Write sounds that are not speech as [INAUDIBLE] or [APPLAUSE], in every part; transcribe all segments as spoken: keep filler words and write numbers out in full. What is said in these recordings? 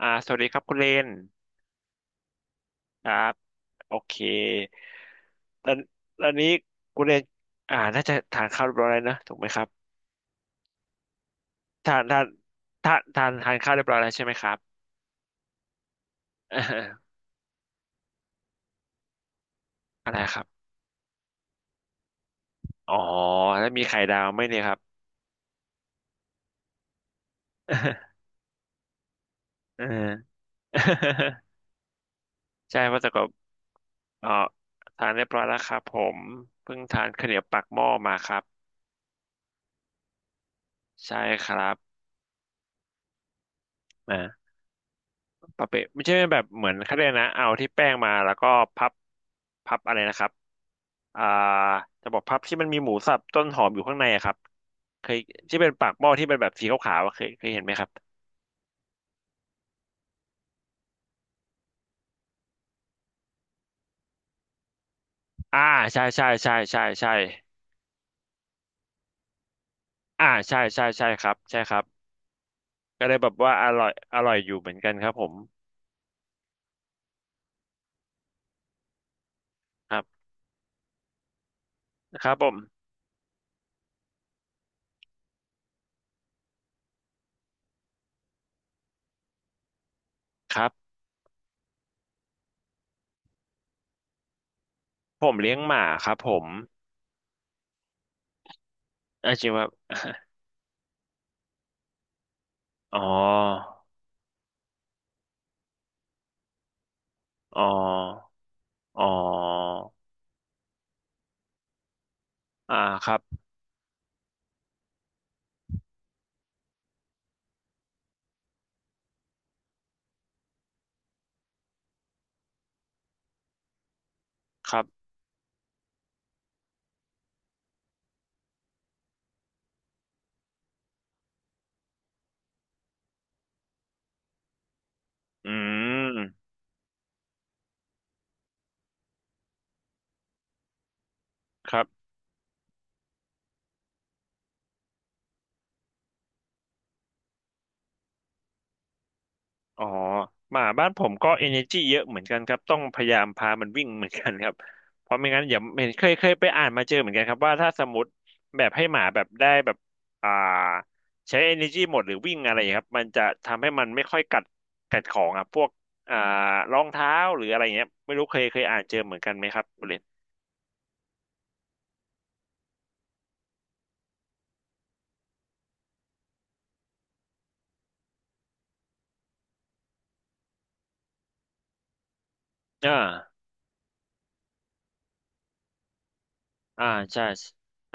อ่าสวัสดีครับคุณเลนครับโอเคตอนตอนนี้คุณเลนอ่าน่าจะทานข้าวเรียบร้อยแล้วนะถูกไหมครับทานทานทานทานทานข้าวเรียบร้อยแล้วใช่ไหมครับเออ [LAUGHS] อะไรครับอ๋อแล้วมีไข่ดาวไหมเนี่ยครับ [LAUGHS] เออ [LAUGHS] ใช่เพราะแต่ก็อ๋อทานเรียบร้อยแล้วครับผมเพิ่งทานข้าวเหนียวปากหม้อมาครับใช่ครับ ปะเปะไม่ใช่แบบเหมือนเขาเรียกนะเอาที่แป้งมาแล้วก็พับพับอะไรนะครับอ่าจะบอกพับที่มันมีหมูสับต้นหอมอยู่ข้างในอะครับเคยที่เป็นปากหม้อที่เป็นแบบสีขาวๆอะเคยเคยเห็นไหมครับอ่าใช่ใช่ใช่ใช่ใช่อ่าใช่ใช่ใช่ครับใช่ครับก็เลยแบบว่าอร่อยอร่อยอยู่เหมือนกันครับผมครับครับผมครับผมเลี้ยงหมาครับผมอาจริงวาอ๋ออ๋ออ๋ออ่าครับครับอืม ครับอ๋อหมาบ้านผมก็ energy เยอะเหมือนกันครับต้องพยายามพามันวิ่งเหมือนกันครับเพราะไม่งั้นอย่าเห็นเคยเคยไปอ่านมาเจอเหมือนกันครับว่าถ้าสมมติแบบให้หมาแบบได้แบบอ่าใช้ energy หมดหรือวิ่งอะไรครับมันจะทำให้มันไม่ค่อยกัดกัดของอ่ะพวกอ่ารองเท้าหรืออะไรเงี้ยไม่รู้เคยเคยอ่านเจอเหมือนกันไหมครับคุณเลนอ่าอ่าใช่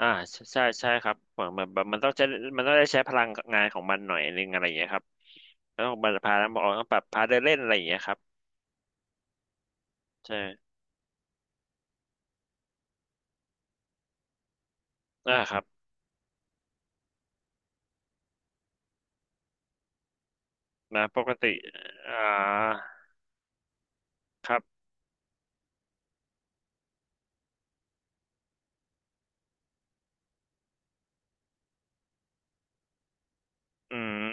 อ่าใช่ใช่ใช่ครับเหมือนแบบมันต้องใช้มันต้องได้ใช้พลังงานของมันหน่อยนึงอะไรอย่างเงี้ยครับ แล้วมจพาแล้วบอกต้องปรับพารเดินเล่นอะไรอย่างเงี้ยครับใช่อ่าครับนะปกติอ่าครับอืม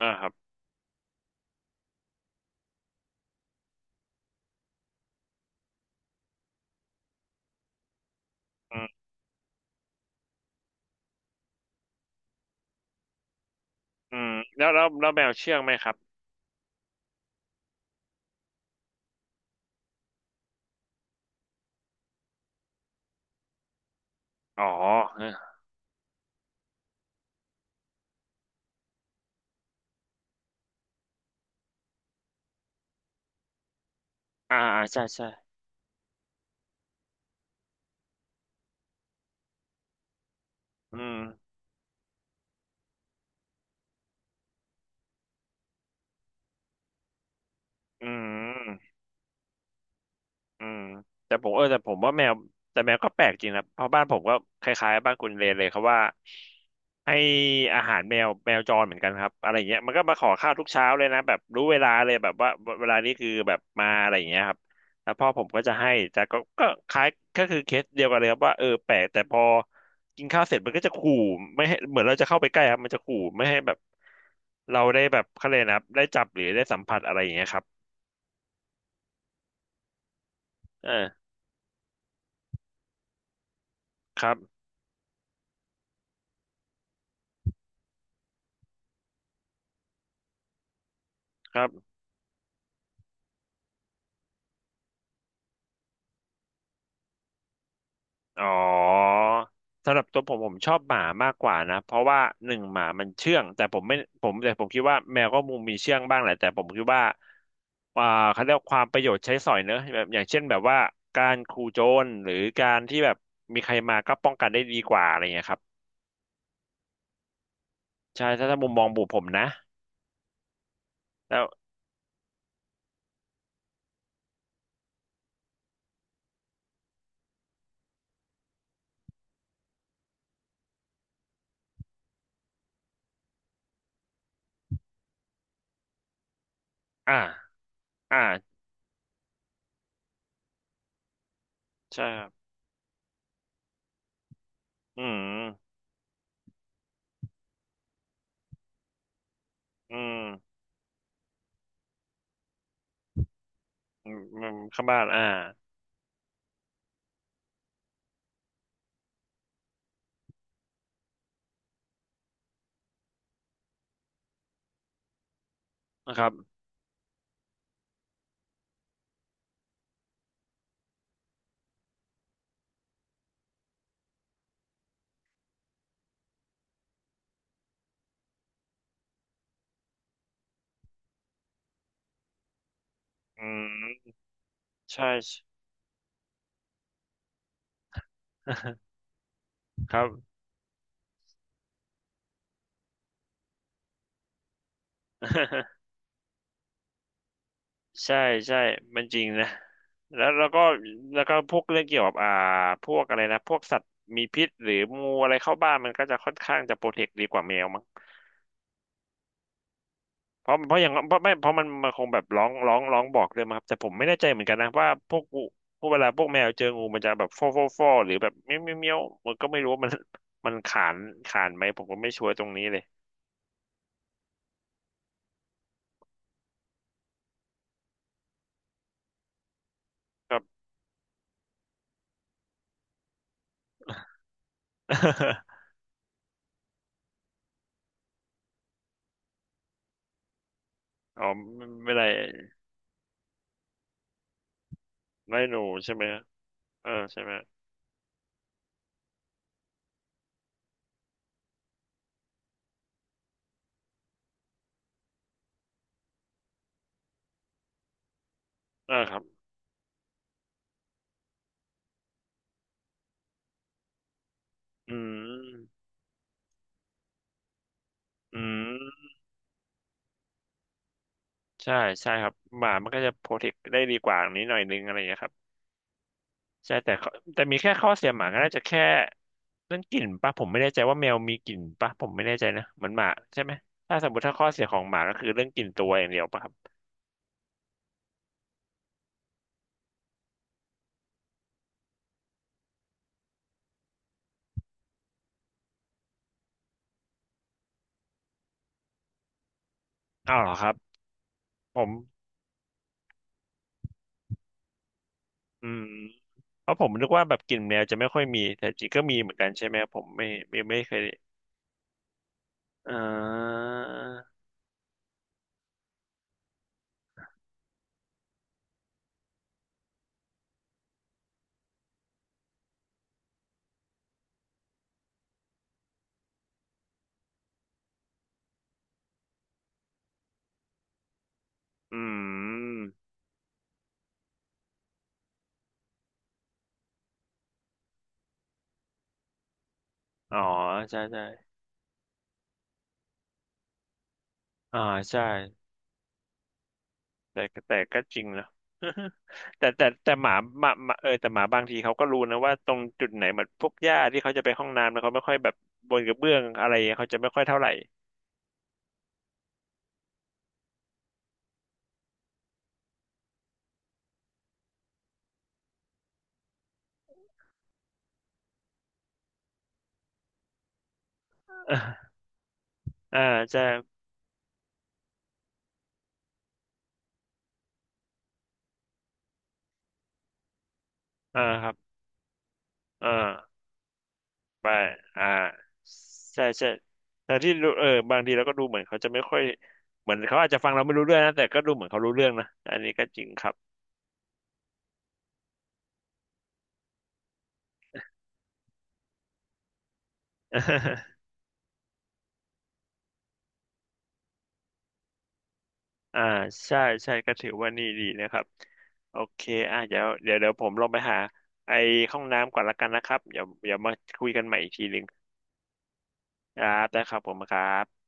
อ่าครับอืมอืมแล้วแล้วแล้วแมวเชื่องไหมครับอ๋ออ่าอ่าใช่ใช่อืมอืม อืมแต่ผมเออแต่ผมว่าแมวแต่แมวก็แปลกจริงนะเพราะบ้านผมก็คล้ายๆบ้านคุณเลนเลยครับว่าให้อาหารแมวแมวจรเหมือนกันครับอะไรอย่างเงี้ยมันก็มาขอข้าวทุกเช้าเลยนะแบบรู้เวลาเลยแบบว่าเวลานี้คือแบบมาอะไรอย่างเงี้ยครับแล้วพ่อผมก็จะให้แต่ก็ก็คล้ายก็คือเคสเดียวกันเลยครับว่าเออแปลกแต่พอกินข้าวเสร็จมันก็จะขู่ไม่ให้เหมือนเราจะเข้าไปใกล้ครับมันจะขู่ไม่ให้แบบเราได้แบบเขาเลยกนะครับได้จับหรือได้สัมผัสอะไรอย่างเงี้ยครับเออครับครับ อ๋อสำหรับตัวผมผมชอบหมามากกว่านะเพราะว่าหนึ่งหมามันเชื่องแต่ผมไม่ผมแต่ผมคิดว่าแมวก็มุมมีเชื่องบ้างแหละแต่ผมคิดว่าอ่าเขาเรียกว่าความประโยชน์ใช้สอยเนอะแบบอย่างเช่นแบบว่าการขู่โจรหรือการที่แบบมีใครมาก็ป้องกันได้ดีกว่าอะไรเงี้ยครับใช่ถ้าถ้ามุมมองบุผมนะแล้วอ่าอ่าใช่ครับอืมอืมอืมอืมเข้าบ้านอ่านะครับอืมใช่ [LAUGHS] ครับ [LAUGHS] ใช่ใช่มันจริงนะแล้วแล้วก็แล้วก็พวกเรื่องเกี่ยวกับอ่าพวกอะไรนะพวกสัตว์มีพิษหรืองูอะไรเข้าบ้านมันก็จะค่อนข้างจะโปรเทคดีกว่าแมวมั้งเพราะเพราะอย่างเพราะไม่เพราะมันมันคงแบบร้องร้องร้องบอกเลยมั้งครับแต่ผมไม่แน่ใจเหมือนกันนะว่าพวกงูพวกเวลาพวกแมวเจองูมันจะแบบฟอฟอฟอหรือแบบเมี้ยวเมี้ยวเมี้ยวมันก็ไม่รู้ว่ามันมันขานขานไหมผมก็ไม่ชัวร์ตรงนี้เลยครับ [LAUGHS] อ๋อไม่ไม่ได้ไม่หนูใช่ไหมฮะเออใช่ไหมเออครับอืมอืม ใช่ใช่ครับหมามันก็จะโปรเทคได้ดีกว่านี้หน่อยนึงอะไรอย่างเงี้ยครับใช่แต่ข้อแต่มีแค่ข้อเสียหมาก็น่าจะแค่เรื่องกลิ่นปะผมไม่แน่ใจว่าแมวมีกลิ่นปะผมไม่แน่ใจนะเหมือนหมาใช่ไหมถ้าสมมติถ้าข้อเสียของหมาก็คือเรื่องกลิ่นตัวอย่างเดียวปะครับอ้าวเหรอครับผมอืมเพราะผมนึกว่าแบบกลิ่นแมวจะไม่ค่อยมีแต่จริงก็มีเหมือนกันใช่ไหมผมไม่ไม่ไม่เคยเอออืมอ๋อใช่ใช่อ่าใช่ แต่แต่ก็จริงนะ [LAUGHS] แต่แต่แต่หมาหมาหมาเออแต่หมาบางทีเขาก็รู้นะว่าตรงจุดไหนมันพวกหญ้าที่เขาจะไปห้องน้ำนะเขาไม่ค่อยแบบบนกระเบื้องอะไรเขาจะไม่ค่อยเท่าไหร่ [LAUGHS] อ่าอ่าจะอ่าครับอ่าไปอ่าใช่ใช่แต่ที่รู้เออบางทีเราก็ดูเหมือนเขาจะไม่ค่อยเหมือนเขาอาจจะฟังเราไม่รู้เรื่องนะแต่ก็ดูเหมือนเขารู้เรื่องนะอันนี้ก็จริงครับ [LAUGHS] อ่าใช่ใช่ก็ถือว่านี่ดีนะครับโอเคอ่ะเดี๋ยวเดี๋ยวเดี๋ยวผมลงไปหาไอห้องน้ำก่อนละกันนะครับเดี๋ยวเดี๋ยวมาคุยกันใหม่อีกทีหนึ่งครับได้ครับผมครับ